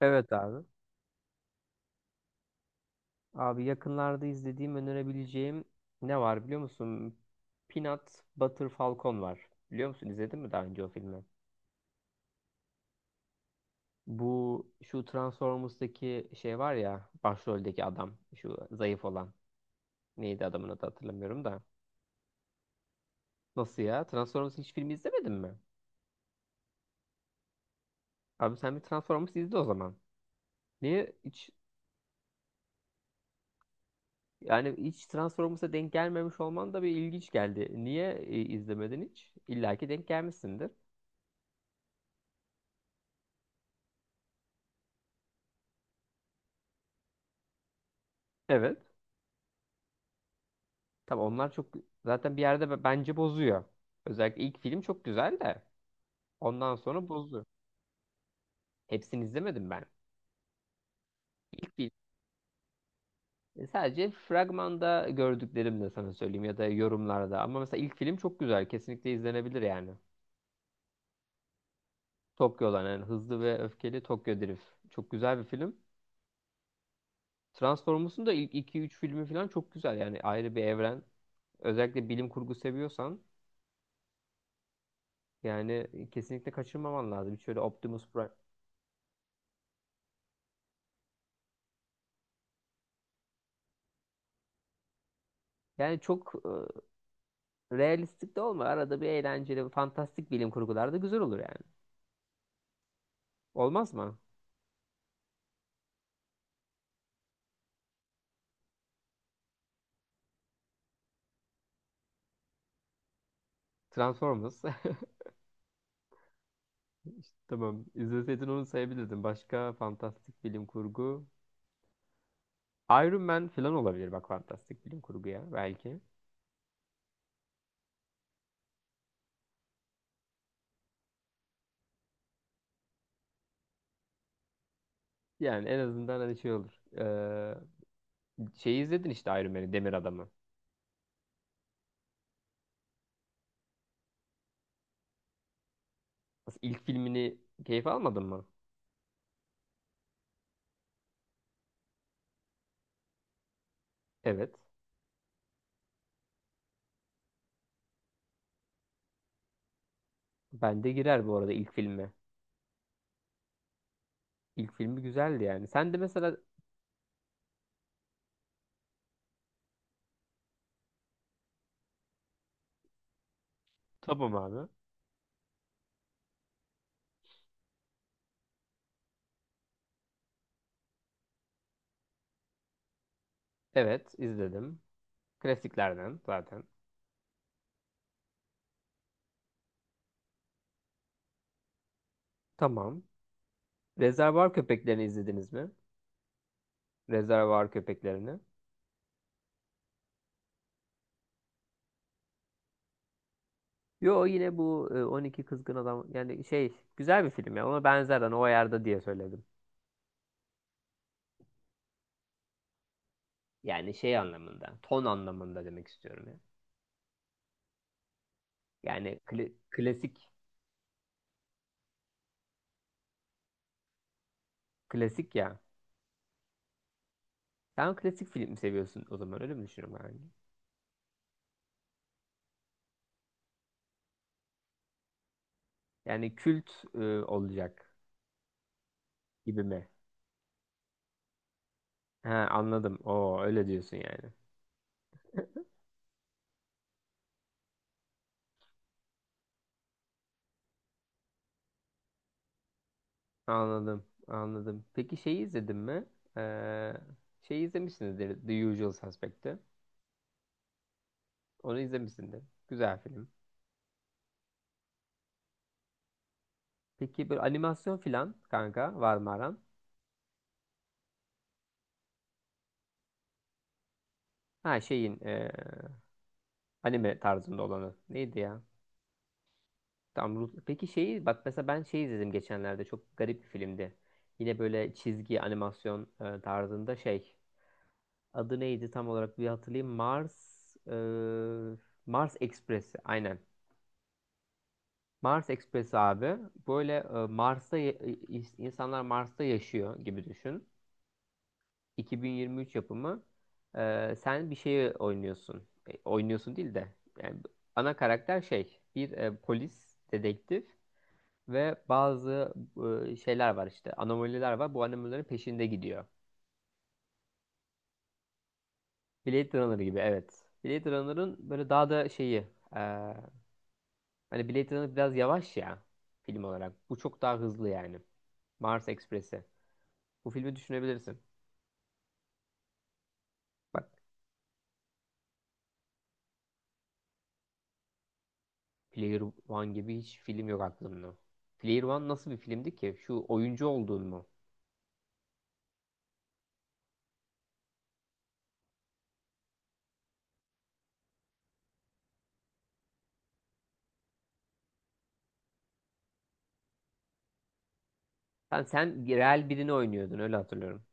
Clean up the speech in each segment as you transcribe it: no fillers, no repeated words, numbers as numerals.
Evet abi. Abi yakınlarda izlediğim önerebileceğim ne var biliyor musun? Peanut Butter Falcon var. Biliyor musun? İzledin mi daha önce o filmi? Bu şu Transformers'taki şey var ya, başroldeki adam şu zayıf olan. Neydi adamın adı hatırlamıyorum da. Nasıl ya? Transformers hiç filmi izlemedin mi? Abi sen bir Transformers izle o zaman. Niye hiç yani hiç Transformers'a denk gelmemiş olman da bir ilginç geldi. Niye izlemedin hiç? İlla ki denk gelmişsindir. Evet. Tabii onlar çok zaten bir yerde bence bozuyor. Özellikle ilk film çok güzel de ondan sonra bozdu. Hepsini izlemedim ben. İlk film sadece fragmanda gördüklerimle sana söyleyeyim, ya da yorumlarda. Ama mesela ilk film çok güzel. Kesinlikle izlenebilir yani. Tokyo olan yani Hızlı ve Öfkeli Tokyo Drift. Çok güzel bir film. Transformers'un da ilk iki üç filmi falan çok güzel. Yani ayrı bir evren. Özellikle bilim kurgu seviyorsan yani kesinlikle kaçırmaman lazım. Şöyle Optimus Prime. Yani çok realistik de olma. Arada bir eğlenceli, fantastik bilim kurgular da güzel olur yani. Olmaz mı? Transformers. İşte tamam. İzleseydin onu sayabilirdin. Başka fantastik bilim kurgu. Iron Man falan olabilir bak, fantastik bilim kurguya belki. Yani en azından hani şey olur. Şeyi izledin işte Iron Man'i, Demir Adam'ı. Nasıl, İlk filmini keyif almadın mı? Evet. Ben de girer bu arada ilk filme. İlk filmi güzeldi yani. Sen de mesela tamam abi. Evet izledim. Klasiklerden zaten. Tamam. Rezervuar Köpeklerini izlediniz mi? Rezervuar Köpeklerini. Yo yine bu on iki Kızgın Adam yani şey güzel bir film ya, ona benzer hani, o ayarda diye söyledim. Yani şey anlamında, ton anlamında demek istiyorum ya. Yani klasik klasik ya. Sen klasik film seviyorsun o zaman, öyle mi düşünüyorum yani? Yani kült olacak gibi mi? He anladım. Oo öyle diyorsun yani. Anladım, anladım. Peki şeyi izledin mi? Ee, şeyi izlemişsinizdir, The Usual Suspect'i. Onu izlemişsindir. Güzel film. Peki böyle animasyon filan kanka var mı aran? Ha şeyin anime tarzında olanı. Neydi ya? Peki şeyi bak mesela, ben şey izledim geçenlerde, çok garip bir filmdi. Yine böyle çizgi animasyon tarzında şey. Adı neydi tam olarak, bir hatırlayayım. Mars ee, Mars Express'i aynen. Mars Express abi, böyle Mars'ta insanlar Mars'ta yaşıyor gibi düşün. 2023 yapımı. E, sen bir şeyi oynuyorsun. E, oynuyorsun değil de yani ana karakter şey bir polis dedektif ve bazı şeyler var işte, anomaliler var. Bu anomalilerin peşinde gidiyor. Blade Runner gibi evet. Blade Runner'ın böyle daha da şeyi e, hani Blade Runner biraz yavaş ya, film olarak. Bu çok daha hızlı yani. Mars Express'i. Bu filmi düşünebilirsin. Bak, Player One gibi hiç film yok aklımda. Player One nasıl bir filmdi ki? Şu oyuncu olduğun mu? Sen real birini oynuyordun öyle hatırlıyorum.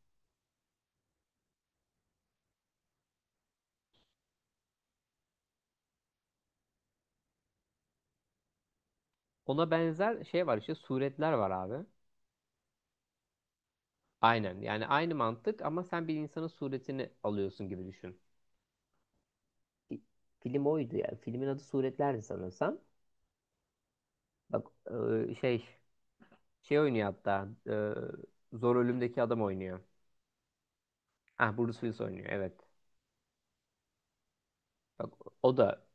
Ona benzer şey var işte, suretler var abi. Aynen, yani aynı mantık ama sen bir insanın suretini alıyorsun gibi düşün. Fi- Film oydu ya. Filmin adı Suretlerdi sanırsam. Bak e, şey şey oynuyor hatta, Zor Ölüm'deki adam oynuyor. Ah, Bruce Willis oynuyor evet. Bak, o da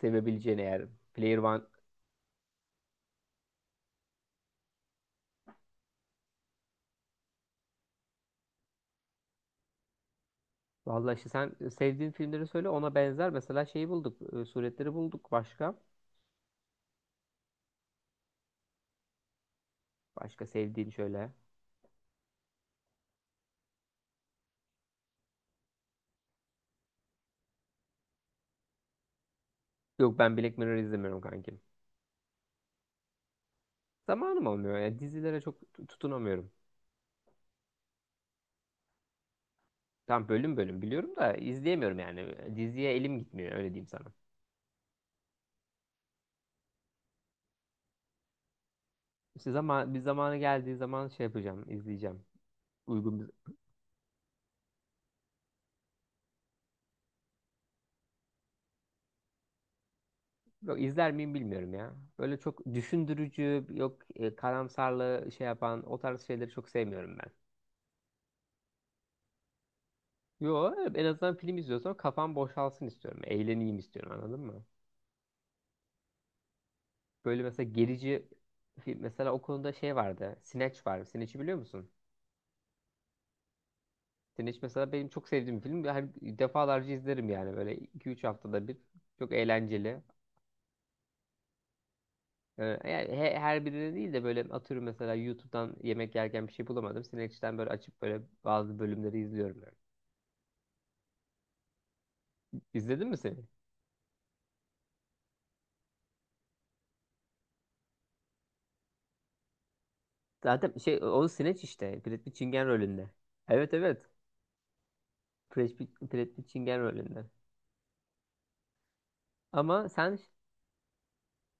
sevebileceğin, eğer Player One... Vallahi işte sen sevdiğin filmleri söyle, ona benzer. Mesela şeyi bulduk. Suretleri bulduk. Başka? Başka sevdiğin şöyle. Yok, ben Black Mirror izlemiyorum kankim. Zamanım olmuyor. Ya dizilere çok tutunamıyorum. Tam bölüm bölüm biliyorum da izleyemiyorum yani. Diziye elim gitmiyor, öyle diyeyim sana. İşte zaman bir zamanı geldiği zaman şey yapacağım, izleyeceğim. Uygun bir... Yok, izler miyim bilmiyorum ya. Böyle çok düşündürücü, yok karamsarlığı şey yapan o tarz şeyleri çok sevmiyorum ben. Yo evet, en azından film izliyorsam kafam boşalsın istiyorum. Eğleneyim istiyorum, anladın mı? Böyle mesela gerici film mesela, o konuda şey vardı. Snatch var. Snatch'i biliyor musun? Snatch mesela benim çok sevdiğim bir film. Her defalarca izlerim yani, böyle iki üç haftada bir. Çok eğlenceli. Yani her birine değil de böyle atıyorum mesela, YouTube'dan yemek yerken bir şey bulamadım, Snatch'ten böyle açıp böyle bazı bölümleri izliyorum yani. İzledin mi seni? Zaten şey o Snatch işte. Brad Pitt Çingen rolünde. Evet evet. Brad Pitt Çingen rolünde. Ama sen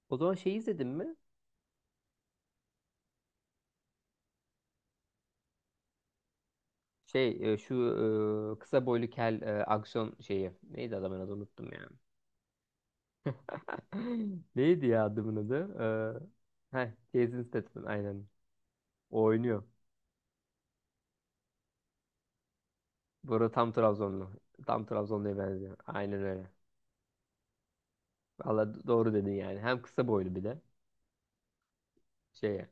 o zaman şey izledin mi? Şey şu kısa boylu kel aksiyon şeyi. Neydi adamın adı, unuttum ya. Neydi ya adamın adı? Ee, heh, Jason Statham aynen. O oynuyor. Bu arada tam Trabzonlu. Tam Trabzonlu'ya benziyor. Aynen öyle. Valla doğru dedin yani. Hem kısa boylu bir de. Şeye.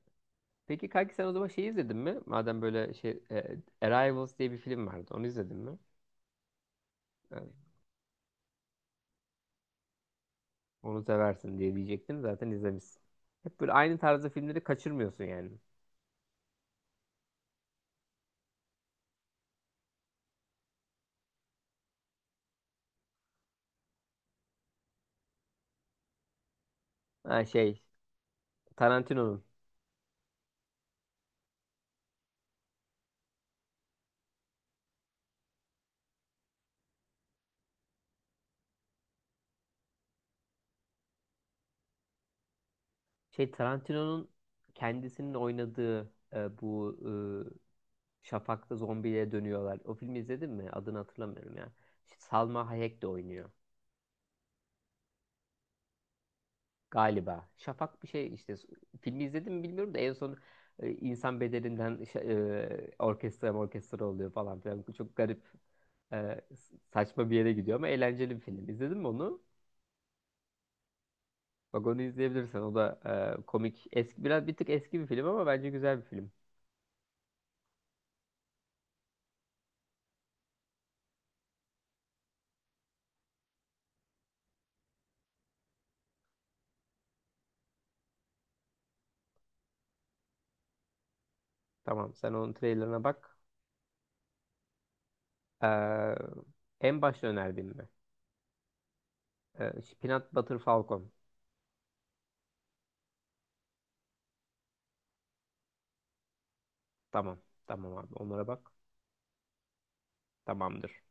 Peki kanki sen o zaman şey izledin mi? Madem böyle şey, Arrivals diye bir film vardı. Onu izledin mi? Evet. Onu seversin diye diyecektim. Zaten izlemişsin. Hep böyle aynı tarzda filmleri kaçırmıyorsun yani. Ha şey Tarantino'nun. Şey Tarantino'nun kendisinin oynadığı bu Şafak'ta zombiye dönüyorlar. O filmi izledin mi? Adını hatırlamıyorum ya. Şey, Salma Hayek de oynuyor. Galiba. Şafak bir şey işte. Filmi izledim mi bilmiyorum da, en son e, insan bedelinden şa- orkestra oluyor falan filan. Çok garip e, saçma bir yere gidiyor ama eğlenceli bir film. İzledin mi onu? Bak, onu izleyebilirsin. O da komik. Eski, biraz bir tık eski bir film ama bence güzel bir film. Tamam, sen onun trailerına bak. E, en başta önerdiğim mi? E, Peanut Butter Falcon. Tamam. Tamam abi. Onlara bak. Tamamdır.